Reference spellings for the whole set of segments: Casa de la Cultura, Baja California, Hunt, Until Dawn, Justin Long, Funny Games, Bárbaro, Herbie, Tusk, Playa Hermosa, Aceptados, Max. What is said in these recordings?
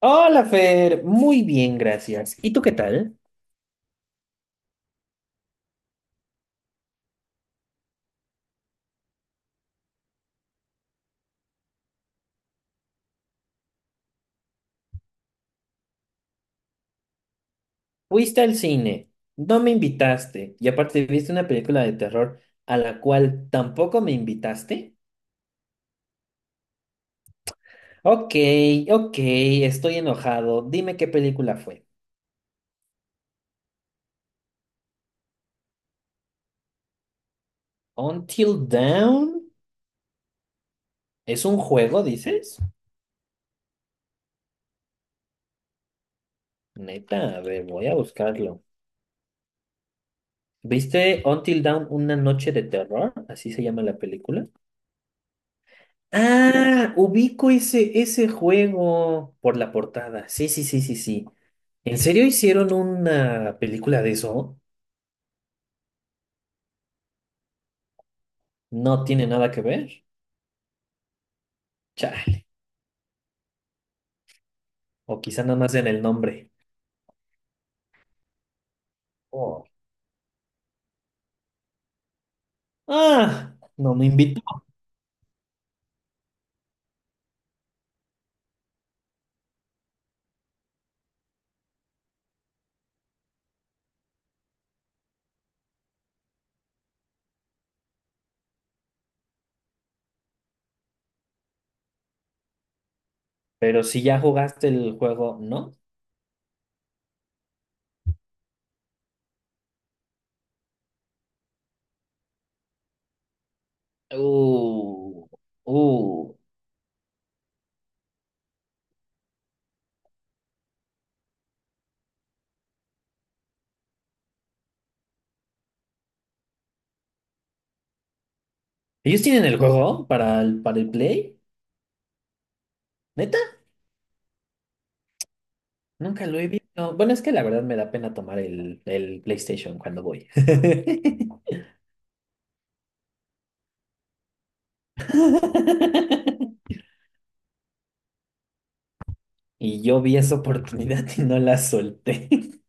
Hola, Fer. Muy bien, gracias. ¿Y tú qué tal? Fuiste al cine, no me invitaste y aparte viste una película de terror a la cual tampoco me invitaste. Ok, ok, estoy enojado. Dime qué película fue. Until Dawn. ¿Es un juego, dices? Neta, a ver, voy a buscarlo. ¿Viste Until Dawn, una noche de terror? Así se llama la película. Ah, ubico ese juego por la portada. Sí, sí, sí, sí, sí. ¿En serio hicieron una película de eso? No tiene nada que ver. Chale. O quizá nada más en el nombre. Oh. Ah, no me invitó. Pero si ya jugaste el juego, ¿no? Uh, uh. ¿Ellos tienen el juego para el Play? ¿Neta? Nunca lo he visto. Bueno, es que la verdad me da pena tomar el PlayStation cuando voy. Y yo vi esa oportunidad y no la solté.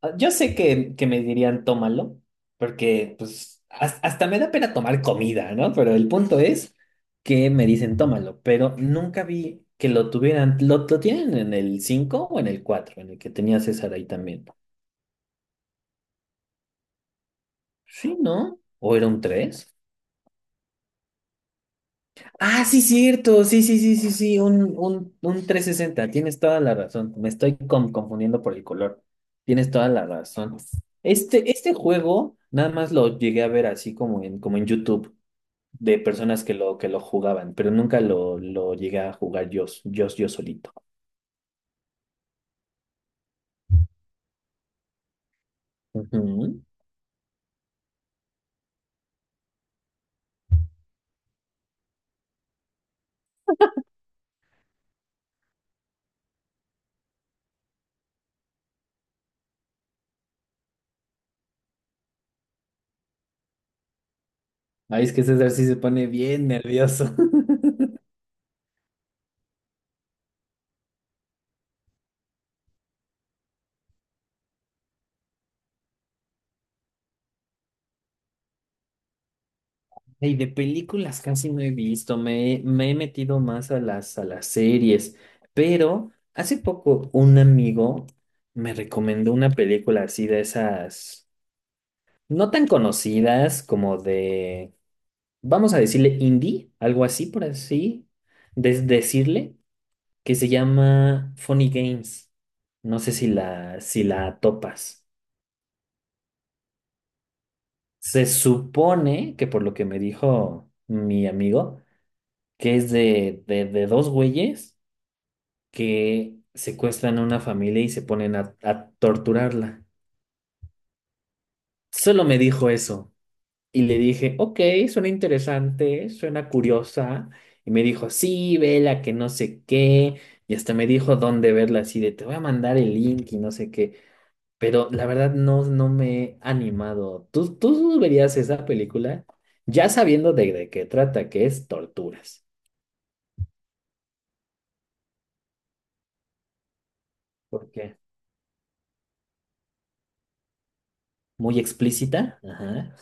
Ah, yo sé que me dirían tómalo, porque pues hasta me da pena tomar comida, ¿no? Pero el punto es que me dicen tómalo, pero nunca vi que lo tuvieran, lo tienen en el 5 o en el 4 en el que tenía César ahí también. Sí, ¿no? ¿O era un tres? Ah, sí, cierto, sí, sí, sí, sí, sí, un 360, tienes toda la razón, me estoy confundiendo por el color, tienes toda la razón. Este juego nada más lo llegué a ver así como como en YouTube. De personas que que lo jugaban, pero nunca lo llegué a jugar yo solito. Ujú. Ay, es que César sí se pone bien nervioso. Y de películas casi no he visto, me he metido más a a las series, pero hace poco un amigo me recomendó una película así de esas, no tan conocidas como de, vamos a decirle indie, algo así por así, de decirle. Que se llama Funny Games. No sé si si la topas. Se supone que por lo que me dijo mi amigo, que es de, de dos güeyes que secuestran a una familia y se ponen a torturarla. Solo me dijo eso. Y le dije, ok, suena interesante, suena curiosa. Y me dijo, sí, vela, que no sé qué. Y hasta me dijo dónde verla, así de, te voy a mandar el link y no sé qué. Pero la verdad no, no me he animado. ¿Tú verías esa película ya sabiendo de qué trata, que es torturas? Porque muy explícita. Ajá.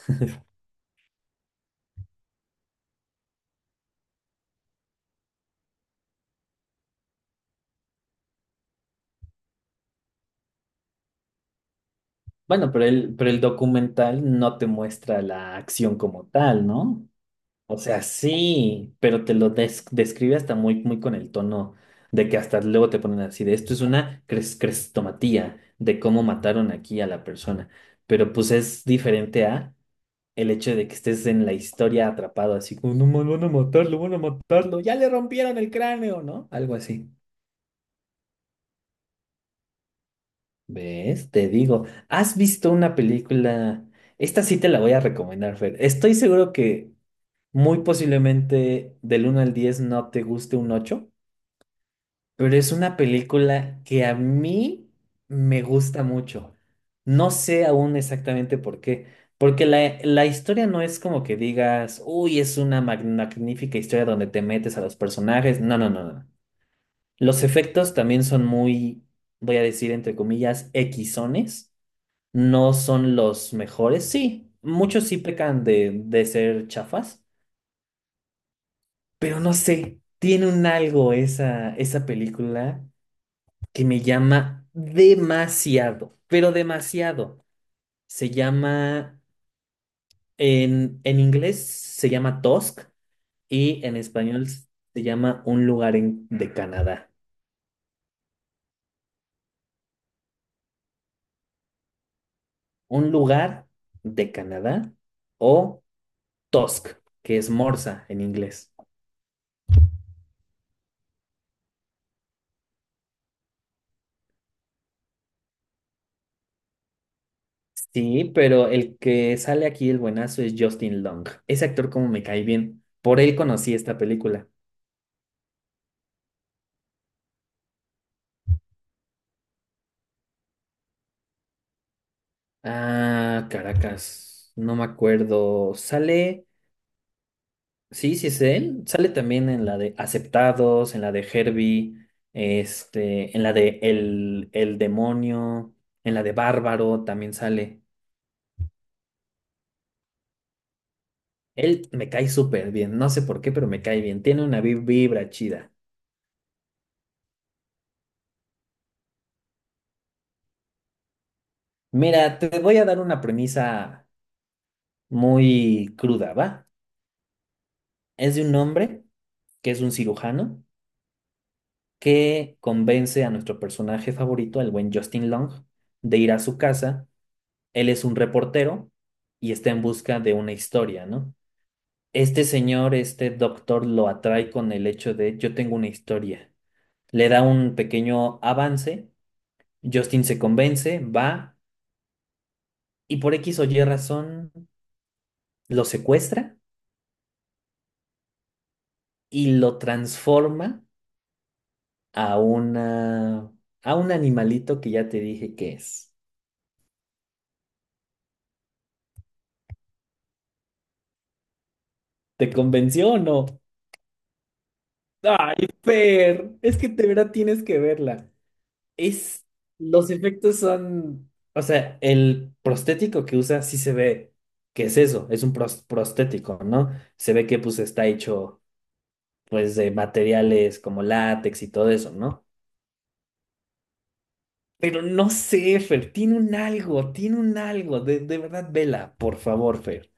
Bueno, pero el documental no te muestra la acción como tal, ¿no? O sea, sí, pero te lo describe hasta muy, muy con el tono de que hasta luego te ponen así de esto es una crestomatía de cómo mataron aquí a la persona. Pero pues es diferente a... el hecho de que estés en la historia atrapado, así como, no, van a matarlo, ya le rompieron el cráneo, ¿no? Algo así. ¿Ves? Te digo, ¿has visto una película? Esta sí te la voy a recomendar, Fer. Estoy seguro que muy posiblemente del 1 al 10 no te guste un 8. Pero es una película que a mí me gusta mucho. No sé aún exactamente por qué. Porque la historia no es como que digas, uy, es una magnífica historia donde te metes a los personajes. No, no, no, no. Los efectos también son muy, voy a decir entre comillas, equisones. No son los mejores. Sí, muchos sí pecan de ser chafas. Pero no sé, tiene un algo esa película que me llama demasiado, pero demasiado. Se llama, en inglés se llama Tusk y en español se llama Un lugar de Canadá. Un lugar de Canadá o Tusk, que es Morsa en inglés. Sí, pero el que sale aquí el buenazo es Justin Long. Ese actor como me cae bien. Por él conocí esta película. Ah, Caracas. No me acuerdo. Sale. Sí, sí es él. Sale también en la de Aceptados, en la de Herbie, este, en la de El Demonio, en la de Bárbaro también sale. Él me cae súper bien, no sé por qué, pero me cae bien. Tiene una vibra chida. Mira, te voy a dar una premisa muy cruda, ¿va? Es de un hombre que es un cirujano que convence a nuestro personaje favorito, el buen Justin Long, de ir a su casa. Él es un reportero y está en busca de una historia, ¿no? Este señor, este doctor, lo atrae con el hecho de yo tengo una historia. Le da un pequeño avance, Justin se convence, va y por X o Y razón lo secuestra y lo transforma a una a un animalito que ya te dije que es. ¿Te convenció o no? Ay, Fer, es que de verdad tienes que verla. Es, los efectos son, o sea, el prostético que usa sí se ve que es eso, es un prostético, ¿no? Se ve que pues está hecho pues de materiales como látex y todo eso, ¿no? Pero no sé, Fer, tiene un algo, de verdad, vela, por favor, Fer.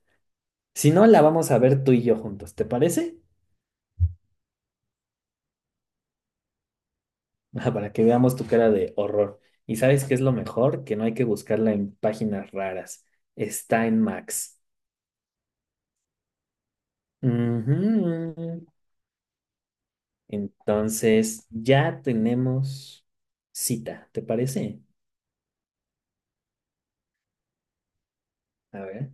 Si no, la vamos a ver tú y yo juntos, ¿te parece? Ah, para que veamos tu cara de horror. ¿Y sabes qué es lo mejor? Que no hay que buscarla en páginas raras. Está en Max. Ujú. Entonces, ya tenemos cita, ¿te parece? A ver.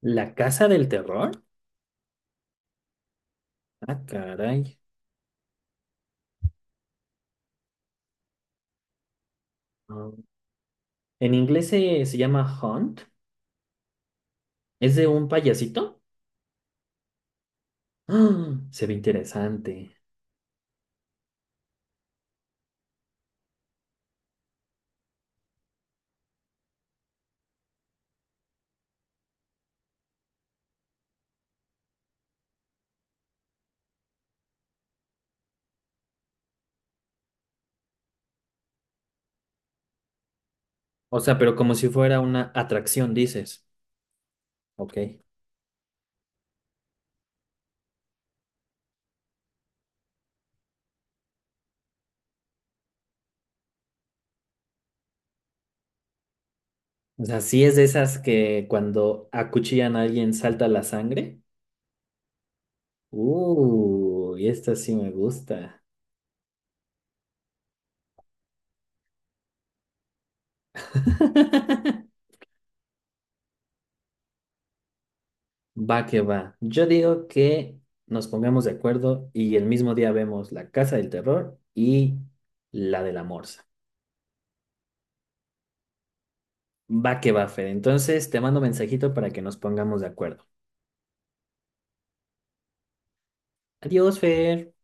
La Casa del Terror. Ah, caray. Ah. En inglés se llama Hunt. ¿Es de un payasito? Ah, se ve interesante. O sea, pero como si fuera una atracción, dices. Ok. O sea, sí es de esas que cuando acuchillan a alguien salta la sangre. Y esta sí me gusta. Va que va. Yo digo que nos pongamos de acuerdo y el mismo día vemos La Casa del Terror y la de la Morsa. Va que va, Fer. Entonces te mando mensajito para que nos pongamos de acuerdo. Adiós, Fer.